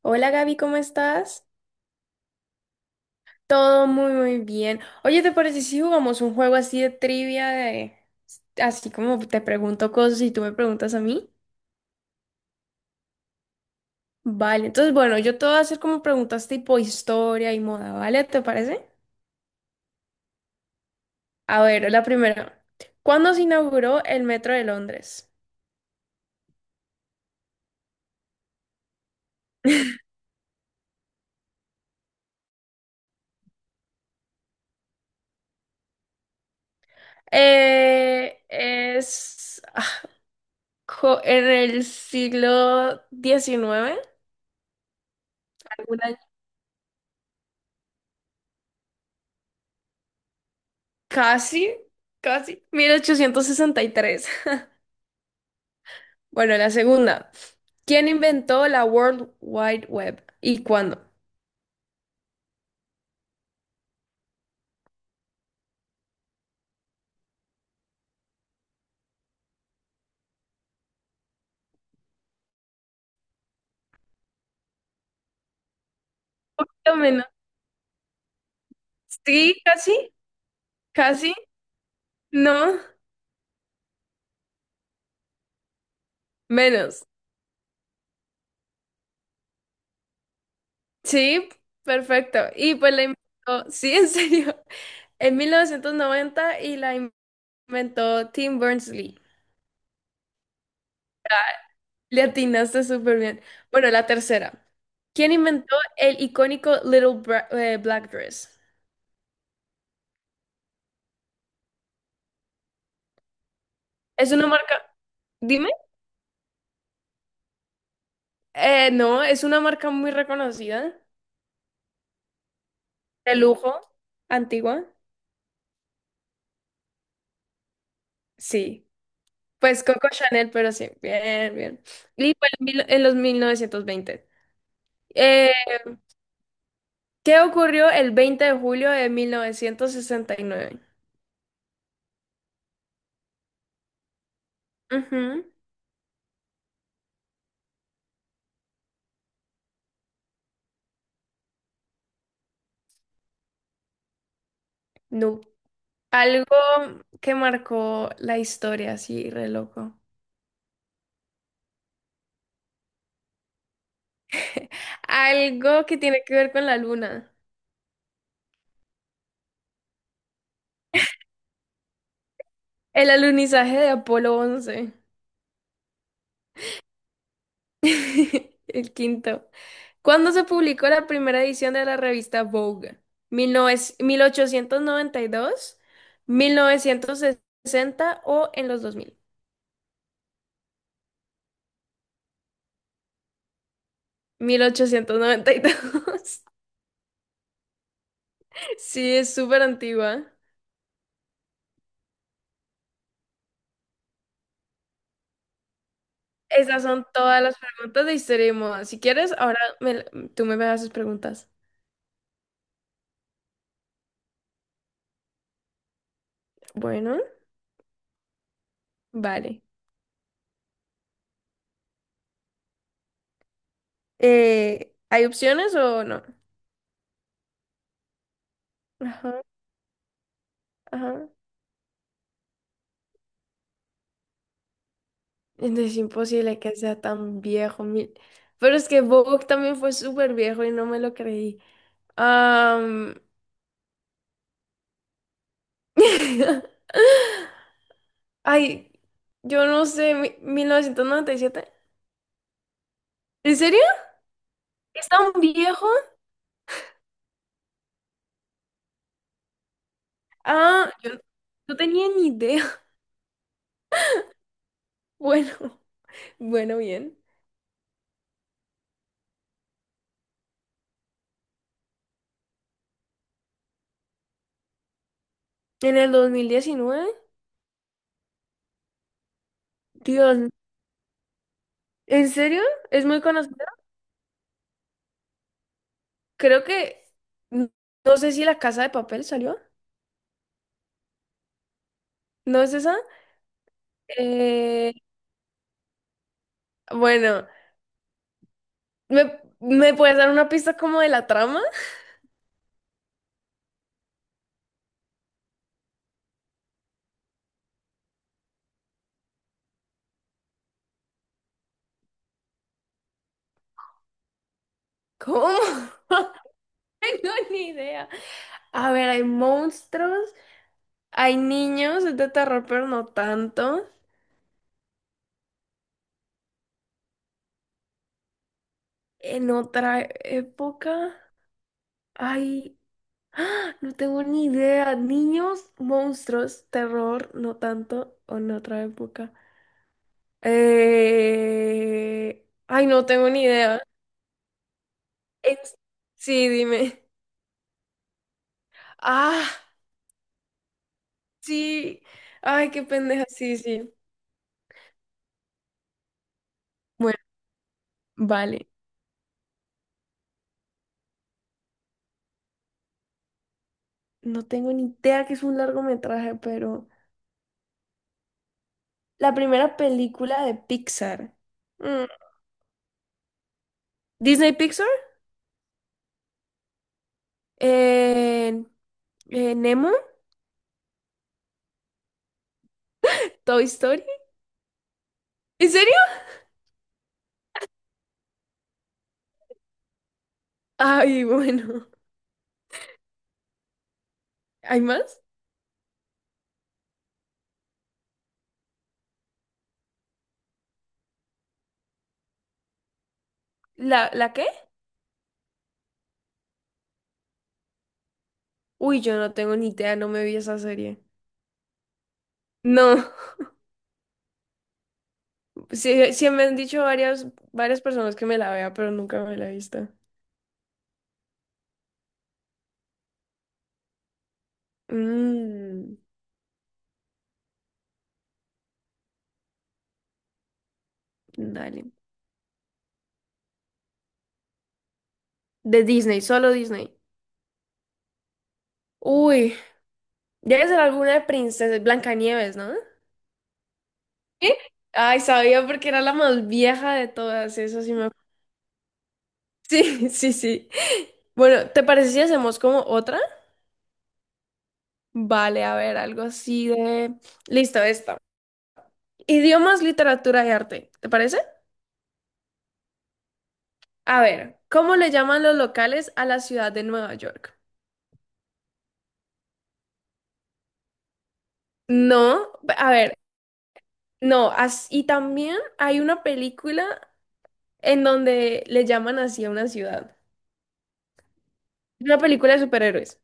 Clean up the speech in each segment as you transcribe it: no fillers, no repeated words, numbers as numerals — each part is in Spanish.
Hola Gaby, ¿cómo estás? Todo muy muy bien. Oye, ¿te parece si jugamos un juego así de trivia de así como te pregunto cosas y tú me preguntas a mí? Vale, entonces bueno, yo te voy a hacer como preguntas tipo historia y moda, ¿vale? ¿Te parece? A ver, la primera. ¿Cuándo se inauguró el metro de Londres? Es co- en el siglo XIX, algún año- casi, casi, 1863. Bueno, la segunda. ¿Quién inventó la World Wide Web y cuándo? Lo menos. Sí, casi, casi, no, menos. Sí, perfecto. Y pues la inventó, sí, en serio, en 1990 y la inventó Tim Berners-Lee. Le atinaste súper bien. Bueno, la tercera. ¿Quién inventó el icónico Black Dress? Es una marca. Dime. No, es una marca muy reconocida. De lujo, antigua, sí. Pues Coco Chanel, pero sí, bien, bien. Y fue en, mil- en los 1920. Eh, ¿Qué ocurrió el 20 de julio de 1969? Ujú, no. Algo que marcó la historia, así, re loco. Algo que tiene que ver con la luna. El alunizaje de Apolo once. El quinto. ¿Cuándo se publicó la primera edición de la revista Vogue? Mil ochocientos noventa y dos, mil novecientos sesenta o en los dos mil. Mil ochocientos noventa y dos. Sí, es súper antigua. Esas son todas las preguntas de historia y moda. Si quieres, ahora me la- tú me haces preguntas. Bueno, vale. ¿Hay opciones o no? Ajá, ajá. Es imposible que sea tan viejo. Mi- pero es que Vogue también fue súper viejo y no me lo creí. Am, Ay, yo no sé, mi- mil novecientos noventa y siete. ¿En serio? ¿Es tan viejo? Ah, yo no tenía ni idea. Bueno, bueno, bien. ¿En el dos mil diecinueve? Dios, ¿en serio? ¿Es muy conocido? Creo que... n- no sé si La Casa de Papel salió. ¿No es esa? Eh, bueno. ¿Me, me puedes dar una pista como de la trama? ¿Cómo? No tengo ni idea. A ver, hay monstruos, hay niños, es de terror, pero no tanto. En otra época hay... ¡Ah! No tengo ni idea. Niños, monstruos, terror, no tanto, o en otra época. Ay, no tengo ni idea. Es- sí, dime. Ah, sí. Ay, qué pendeja. Sí, sí. Bueno, vale, no tengo ni idea que es un largometraje, pero la primera película de Pixar. Mm, ¿Disney Pixar? Eh, ¿Nemo? ¿Toy Story? ¿En serio? Ay, bueno. ¿Hay más? ¿La, la qué? Uy, yo no tengo ni idea, no me vi esa serie. No, sí, sí me han dicho varias personas que me la vea, pero nunca me la he visto. Mm, dale. De Disney, solo Disney. Uy, debe ser alguna de princesas, Blancanieves, ¿no? ¿Qué? Ay, sabía porque era la más vieja de todas, eso sí me... Sí, sí, sí. Bueno, ¿te parece si hacemos como otra? Vale, a ver, algo así de... Listo, esta. Idiomas, literatura y arte, ¿te parece? A ver, ¿cómo le llaman los locales a la ciudad de Nueva York? No, a ver, no, as- y también hay una película en donde le llaman así a una ciudad. Una película de superhéroes.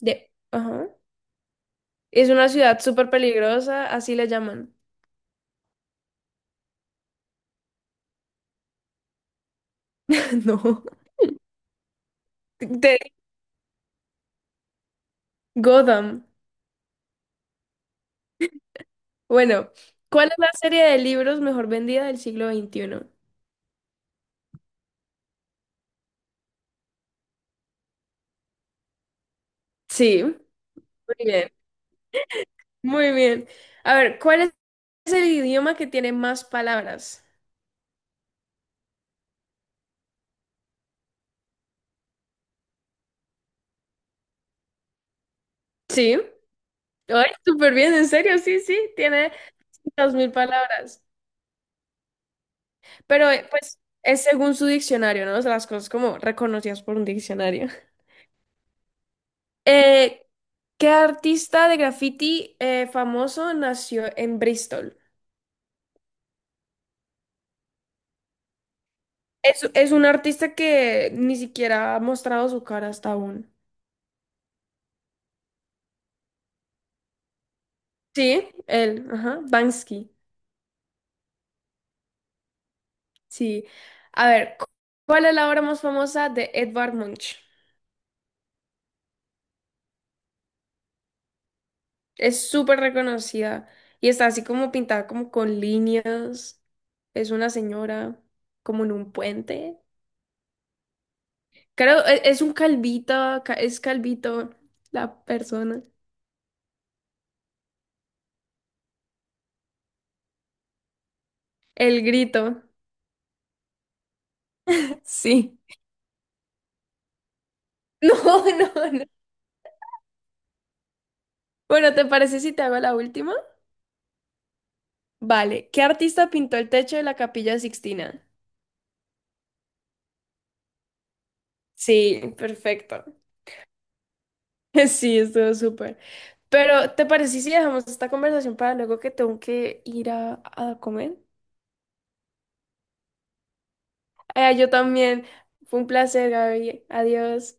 De, ajá. Es una ciudad súper peligrosa, así le llaman. No. De Gotham. Bueno, ¿cuál es la serie de libros mejor vendida del siglo XXI? Sí, muy bien, muy bien. A ver, ¿cuál es el idioma que tiene más palabras? Sí. Ay, súper bien, en serio, sí, sí, tiene 2000 palabras. Pero pues es según su diccionario, ¿no? O sea, las cosas como reconocidas por un diccionario. Eh, ¿Qué artista de graffiti famoso nació en Bristol? Es un artista que ni siquiera ha mostrado su cara hasta aún. Sí, él, ajá, Banksy. Sí. A ver, cu- ¿cuál es la obra más famosa de Edvard Munch? Es súper reconocida y está así como pintada como con líneas. Es una señora como en un puente. Creo, e- es un calvito, ca- es calvito la persona. El grito. Sí. No, no, no. Bueno, ¿te parece si te hago la última? Vale, ¿qué artista pintó el techo de la Capilla Sixtina? Sí, perfecto. Sí, estuvo súper. Pero, ¿te parece si dejamos esta conversación para luego que tengo que ir a comer? Yo también. Fue un placer, Gaby. Adiós.